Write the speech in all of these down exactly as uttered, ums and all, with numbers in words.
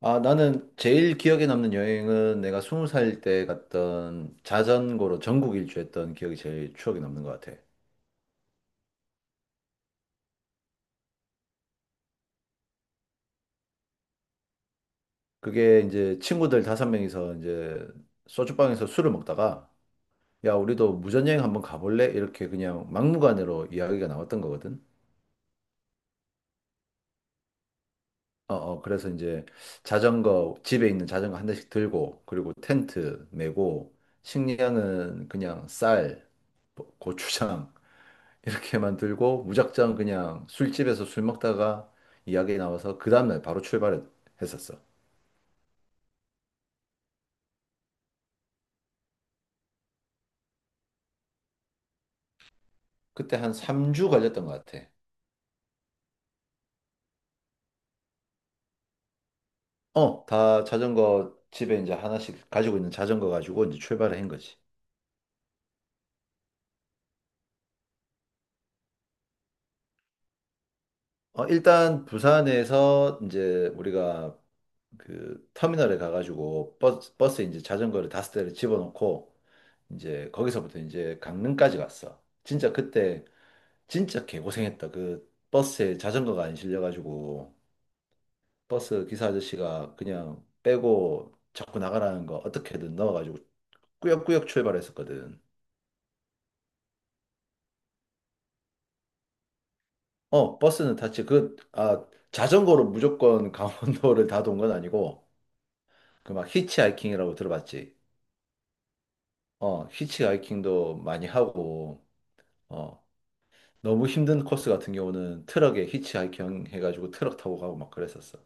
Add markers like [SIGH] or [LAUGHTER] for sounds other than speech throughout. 아, 나는 제일 기억에 남는 여행은 내가 스무 살 때 갔던 자전거로 전국 일주했던 기억이 제일 추억에 남는 것 같아. 그게 이제 친구들 다섯 명이서 이제 소주방에서 술을 먹다가 야, 우리도 무전여행 한번 가볼래? 이렇게 그냥 막무가내로 이야기가 나왔던 거거든. 어, 어, 그래서 이제 자전거, 집에 있는 자전거 한 대씩 들고, 그리고 텐트 메고, 식량은 그냥 쌀, 고추장, 이렇게 만들고 무작정 그냥 술집에서 술 먹다가 이야기 나와서 그 다음날 바로 출발했었어. 그때 한 삼 주 걸렸던 것 같아. 어, 다 자전거 집에 이제 하나씩 가지고 있는 자전거 가지고 이제 출발을 한 거지. 어, 일단 부산에서 이제 우리가 그 터미널에 가가지고 버스, 버스에 이제 자전거를 다섯 대를 집어넣고 이제 거기서부터 이제 강릉까지 갔어. 진짜 그때 진짜 개고생했다. 그 버스에 자전거가 안 실려가지고 버스 기사 아저씨가 그냥 빼고 자꾸 나가라는 거 어떻게든 넣어가지고 꾸역꾸역 출발했었거든. 어, 버스는 탔지. 그, 아, 자전거로 무조건 [LAUGHS] 강원도를 다 돈 건 아니고, 그 막 히치하이킹이라고 들어봤지. 어, 히치하이킹도 많이 하고, 어, 너무 힘든 코스 같은 경우는 트럭에 히치하이킹 해가지고 트럭 타고 가고 막 그랬었어.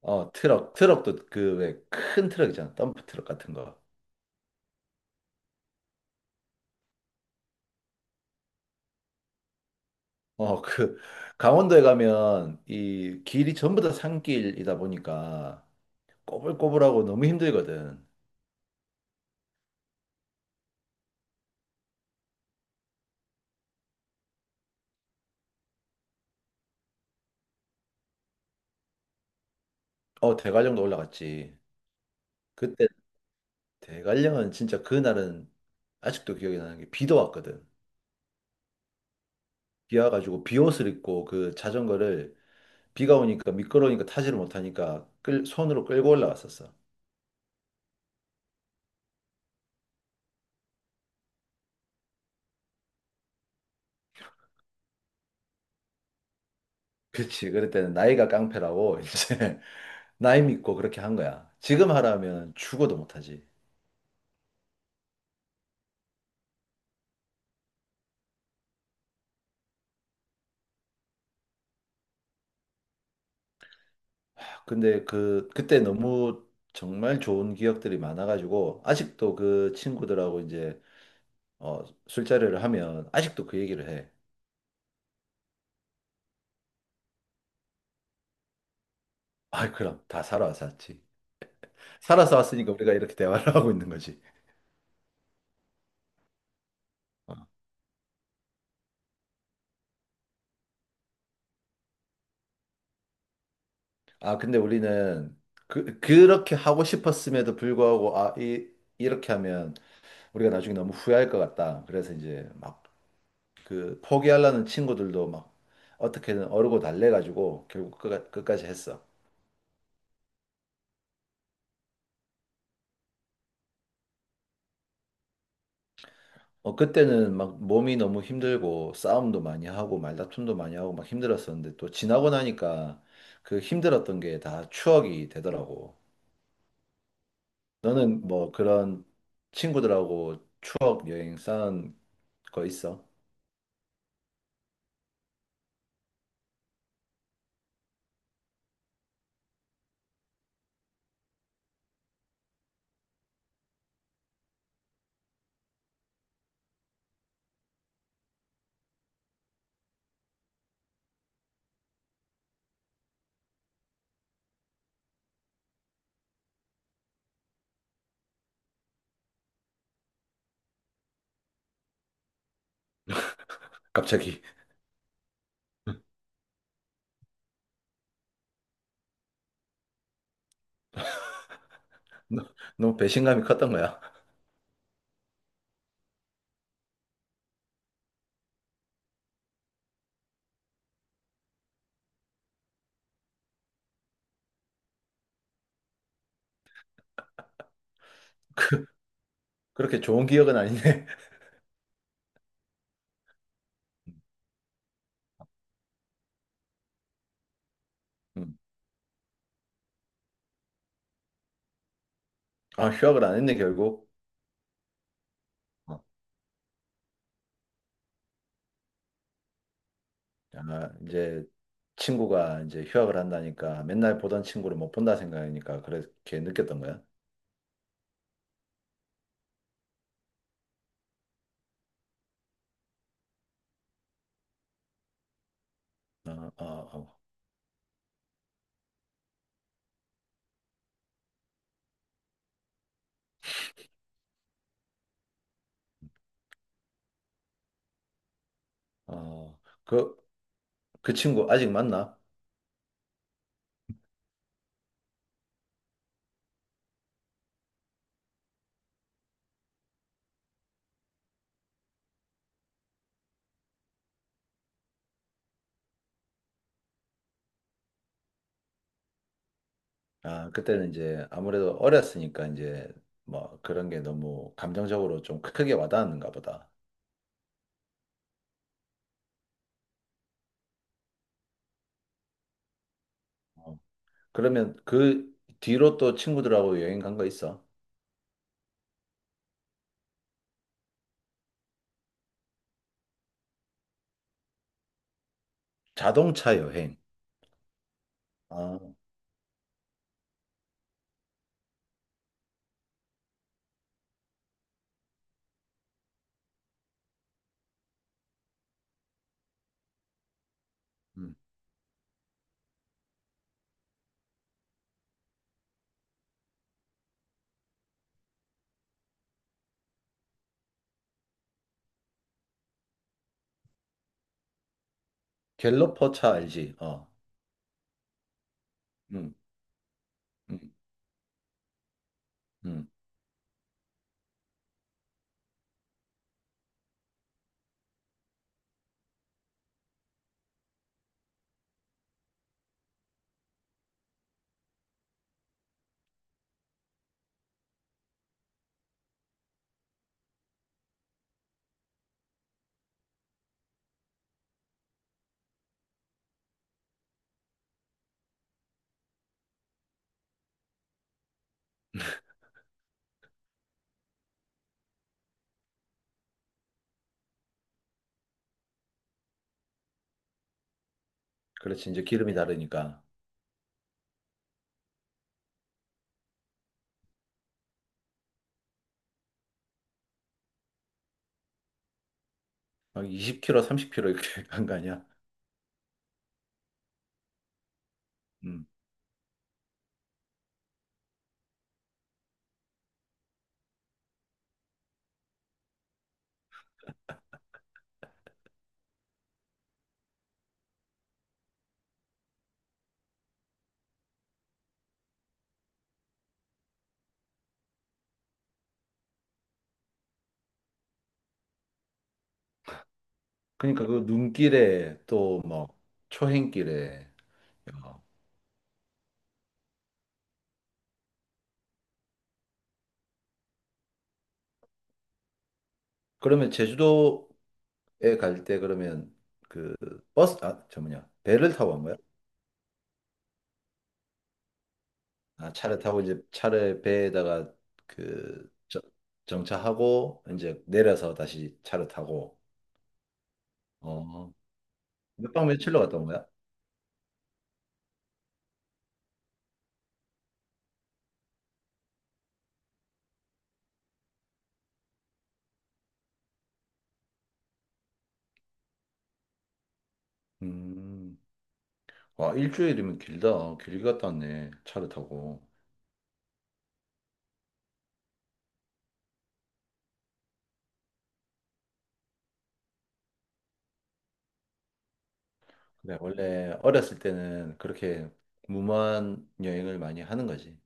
어, 트럭, 트럭도 그 왜 큰 트럭 있잖아. 덤프 트럭 같은 거. 어, 그, 강원도에 가면 이 길이 전부 다 산길이다 보니까 꼬불꼬불하고 너무 힘들거든. 어, 대관령도 올라갔지. 그때 대관령은 진짜 그날은 아직도 기억이 나는 게 비도 왔거든. 비 와가지고 비옷을 입고 그 자전거를 비가 오니까 미끄러우니까 타지를 못하니까 끌, 손으로 끌고 올라갔었어. 그치. 그랬더니 나이가 깡패라고 [LAUGHS] 이제 나이 믿고 그렇게 한 거야. 지금 하라면 죽어도 못하지. 근데 그 그때 너무 정말 좋은 기억들이 많아가지고 아직도 그 친구들하고 이제 어, 술자리를 하면 아직도 그 얘기를 해. 아, 그럼 다 살아서 왔지. 살아서 왔으니까 우리가 이렇게 대화를 [LAUGHS] 하고 있는 거지. 아, 근데 우리는 그 그렇게 하고 싶었음에도 불구하고 아, 이 이렇게 하면 우리가 나중에 너무 후회할 것 같다. 그래서 이제 막 그 포기하려는 친구들도 막 어떻게든 어르고 달래가지고 결국 끝까- 끝까지 했어. 어, 그때는 막 몸이 너무 힘들고 싸움도 많이 하고 말다툼도 많이 하고 막 힘들었었는데 또 지나고 나니까 그 힘들었던 게 다 추억이 되더라고. 너는 뭐 그런 친구들하고 추억 여행 쌓은 거 있어? 갑자기 [LAUGHS] 너- 너무 배신감이 컸던 거야. [LAUGHS] 그렇게 좋은 기억은 아니네. [LAUGHS] 음. 아, 휴학을 안 했네, 결국. 어. 아, 이제 친구가 이제 휴학을 한다니까 맨날 보던 친구를 못 본다 생각하니까 그렇게 느꼈던 거야. 어, 어, 어. 어, 그, 그 친구 아직 만나? 아, 그때는 이제 아무래도 어렸으니까 이제 뭐 그런 게 너무 감정적으로 좀 크게 와닿았는가 보다. 어. 그러면 그 뒤로 또 친구들하고 여행 간 거 있어? 자동차 여행. 아, 음. 갤러퍼 차 알지? 어. 음, 음, 음. 그렇지. 이제 기름이 다르니까. 막 이 공 k 로삼 공 k 로 이렇게 [LAUGHS] 간 거 아니야? 음. 그러니까 그 눈길에 또 뭐 초행길에. 어. 그러면 제주도 갈 때 그러면 그 버스 아 저 뭐냐 배를 타고 간 거야? 아 차를 타고 이제 차를 배에다가 그 저- 정차하고 이제 내려서 다시 차를 타고 어 몇 박 며칠로 갔다 온 거야? 음, 와, 일주일이면 길다. 길게 갔다 왔네. 차를 타고. 그래, 원래 어렸을 때는 그렇게 무모한 여행을 많이 하는 거지.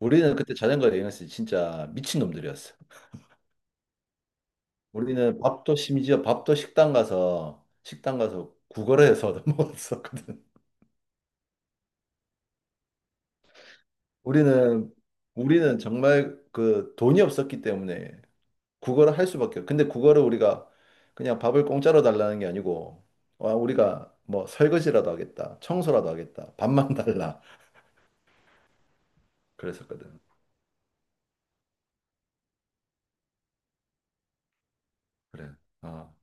우리는 그때 자전거 여행했을 때 진짜 미친놈들이었어. 우리는 밥도 심지어 밥도 식당 가서 식당 가서 구걸을 해서 얻어 먹었었거든. 우리는 우리는 정말 그 돈이 없었기 때문에 구걸을 할 수밖에. 없- 근데 구걸을 우리가 그냥 밥을 공짜로 달라는 게 아니고 와 우리가 뭐 설거지라도 하겠다, 청소라도 하겠다, 밥만 [LAUGHS] 달라 그랬었거든. 그래. 어.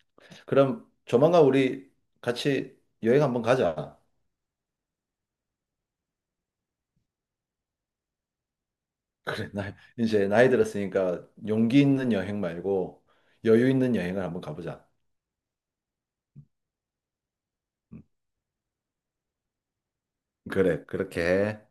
그럼 조만간 우리 같이 여행 한번 가자. [CLEARS THROAT] 그래, 나, 이제 나이 들었으니까 용기 있는 여행 말고 여유 있는 여행을 한번 가보자. 음, 그래, 그렇게 해.